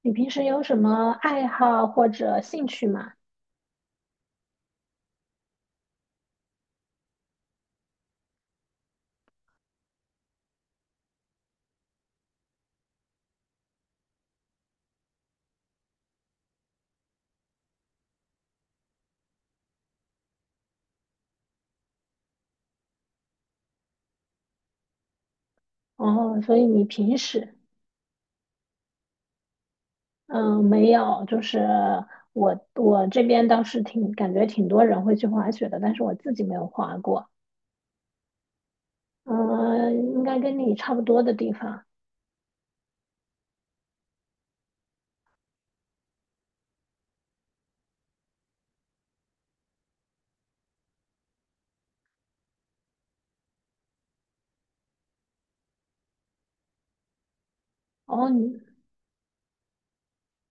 你平时有什么爱好或者兴趣吗？哦，所以你平时，嗯，没有，就是我这边倒是挺感觉挺多人会去滑雪的，但是我自己没有滑过。嗯，应该跟你差不多的地方。哦，你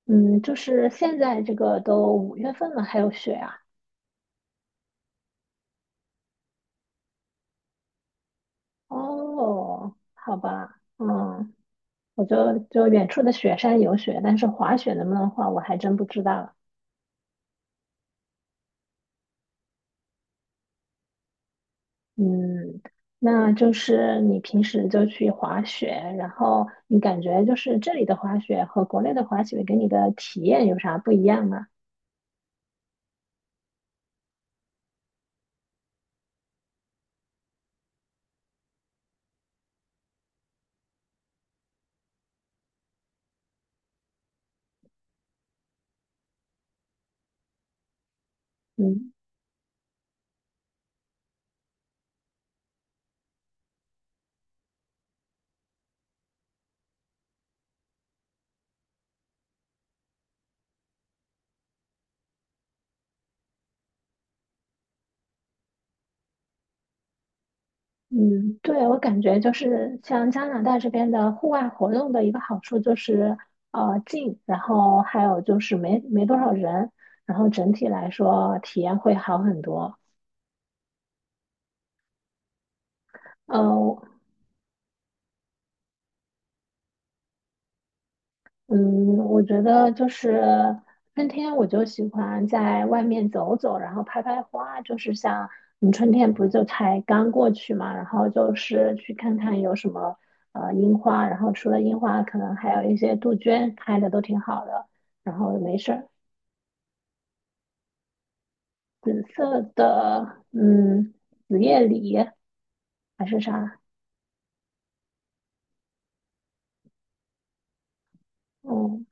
嗯，就是现在这个都5月份了，还有雪啊？哦，好吧，嗯，我就远处的雪山有雪，但是滑雪能不能滑，我还真不知道。嗯，那就是你平时就去滑雪，然后你感觉就是这里的滑雪和国内的滑雪给你的体验有啥不一样吗？嗯嗯，对，我感觉就是像加拿大这边的户外活动的一个好处就是近，然后还有就是没多少人，然后整体来说体验会好很多。嗯，嗯，我觉得就是春天，我就喜欢在外面走走，然后拍拍花。就是像你春天不就才刚过去嘛，然后就是去看看有什么樱花，然后除了樱花，可能还有一些杜鹃开的都挺好的。然后没事儿，紫色的，嗯，紫叶李还是啥？嗯，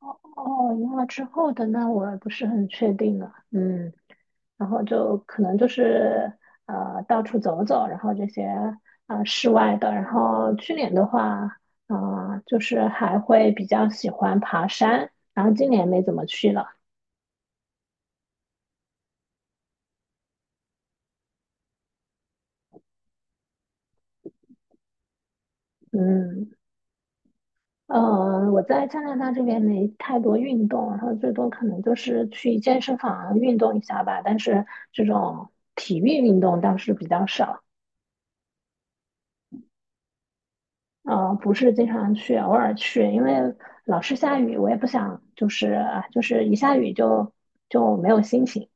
哦哦，樱花之后的那我不是很确定了。嗯。然后就可能就是到处走走，然后这些室外的。然后去年的话，就是还会比较喜欢爬山，然后今年没怎么去了。嗯，我在加拿大这边没太多运动，然后最多可能就是去健身房运动一下吧，但是这种体育运动倒是比较少。嗯、不是经常去，偶尔去，因为老是下雨，我也不想就是啊，就是一下雨就没有心情。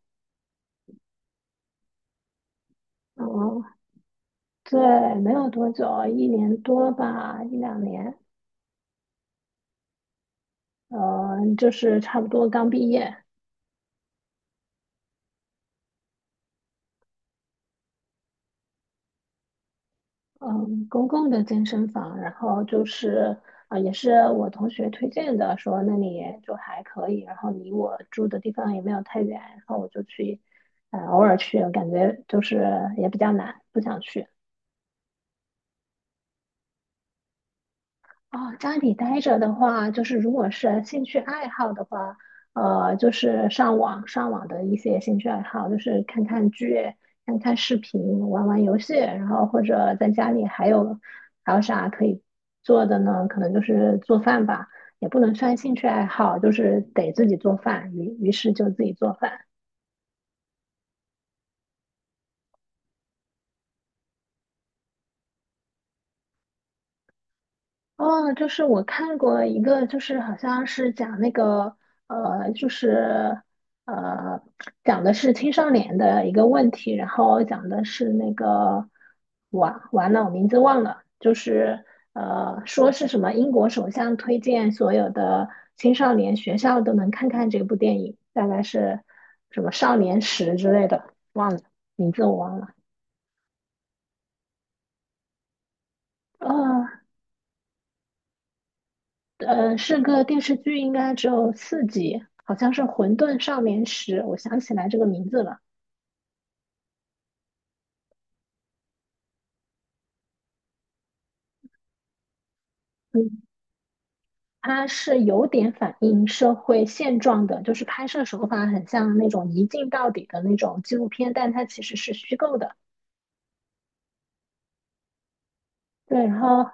嗯，对，没有多久，1年多吧，一两年，就是差不多刚毕业，嗯，公共的健身房，然后就是啊、也是我同学推荐的，说那里就还可以，然后离我住的地方也没有太远，然后我就去，偶尔去，感觉就是也比较难，不想去。哦，家里待着的话，就是如果是兴趣爱好的话，就是上网的一些兴趣爱好，就是看看剧、看看视频、玩玩游戏，然后或者在家里还有啥可以做的呢？可能就是做饭吧，也不能算兴趣爱好，就是得自己做饭，于是就自己做饭。哦，就是我看过一个，就是好像是讲那个，就是呃，讲的是青少年的一个问题，然后讲的是那个，完了，我名字忘了，就是说是什么英国首相推荐所有的青少年学校都能看看这部电影，大概是什么少年时之类的，名字我忘了。哦，是个电视剧，应该只有4集，好像是《混沌少年时》，我想起来这个名字了。嗯，它是有点反映社会现状的，就是拍摄手法很像那种一镜到底的那种纪录片，但它其实是虚构的。对，然后，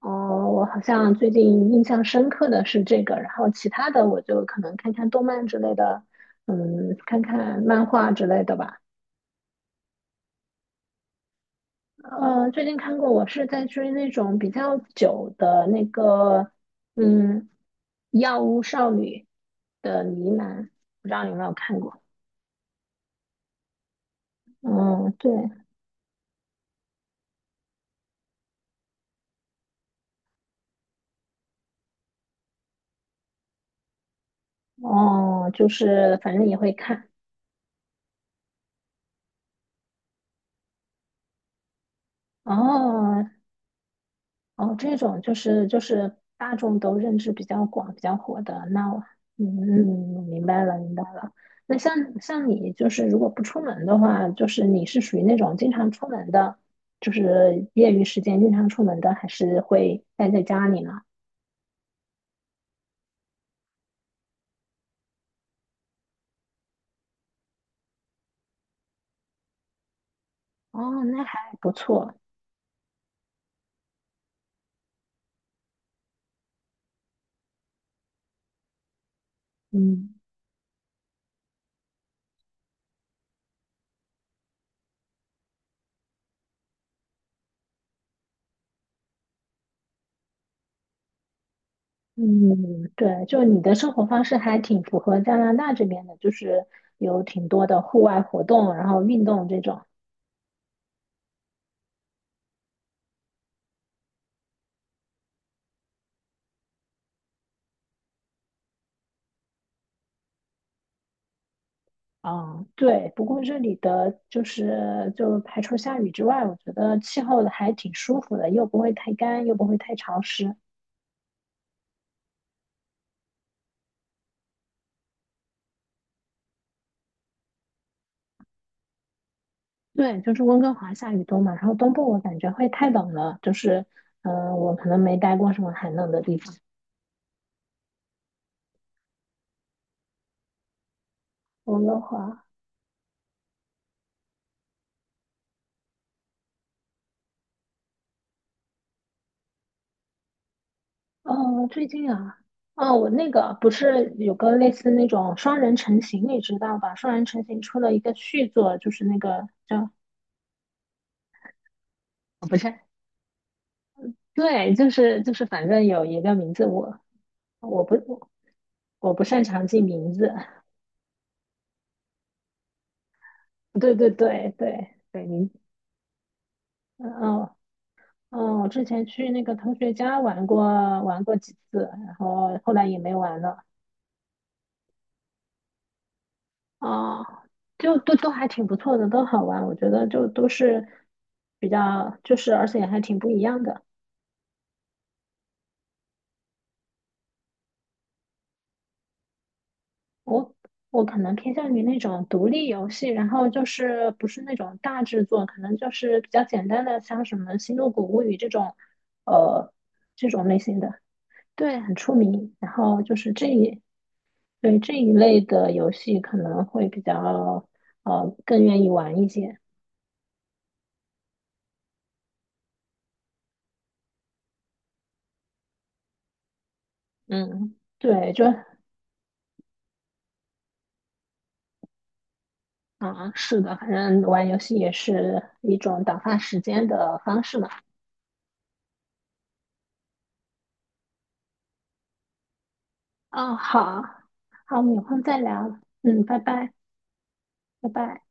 哦，我好像最近印象深刻的是这个，然后其他的我就可能看看动漫之类的，嗯，看看漫画之类的吧。最近看过，我是在追那种比较久的那个，嗯，《药物少女的呢喃》，不知道你有没有看过？嗯，对，哦，就是反正也会看。哦，哦，这种就是大众都认知比较广、比较火的，那我嗯，嗯明白了，明白了。那像你就是如果不出门的话，就是你是属于那种经常出门的，就是业余时间经常出门的，还是会待在家里呢？哦，那还不错，嗯嗯，对，就你的生活方式还挺符合加拿大这边的，就是有挺多的户外活动，然后运动这种。嗯，对。不过这里的就是就排除下雨之外，我觉得气候还挺舒服的，又不会太干，又不会太潮湿。对，就是温哥华下雨多嘛，然后东部我感觉会太冷了，就是嗯、我可能没待过什么寒冷的地方。温哥华，哦，最近啊，哦，我那个不是有个类似那种双人成行，你知道吧？双人成行出了一个续作，就是那个叫，哦不是，对，就是，反正有一个名字我不，我。我不擅长记名字。对对对对，对，嗯嗯嗯，我之前去那个同学家玩过几次，然后后来也没玩了。啊、就都还挺不错的，都好玩。我觉得就都是比较，就是而且还挺不一样的。我我可能偏向于那种独立游戏，然后就是不是那种大制作，可能就是比较简单的，像什么《星露谷物语》这种，呃，这种类型的。对，很出名。然后就是这一，对这一类的游戏可能会比较，更愿意玩一些。嗯，对，就啊，是的，反正玩游戏也是一种打发时间的方式嘛。哦，好，好，我们有空再聊。嗯，拜拜，拜拜。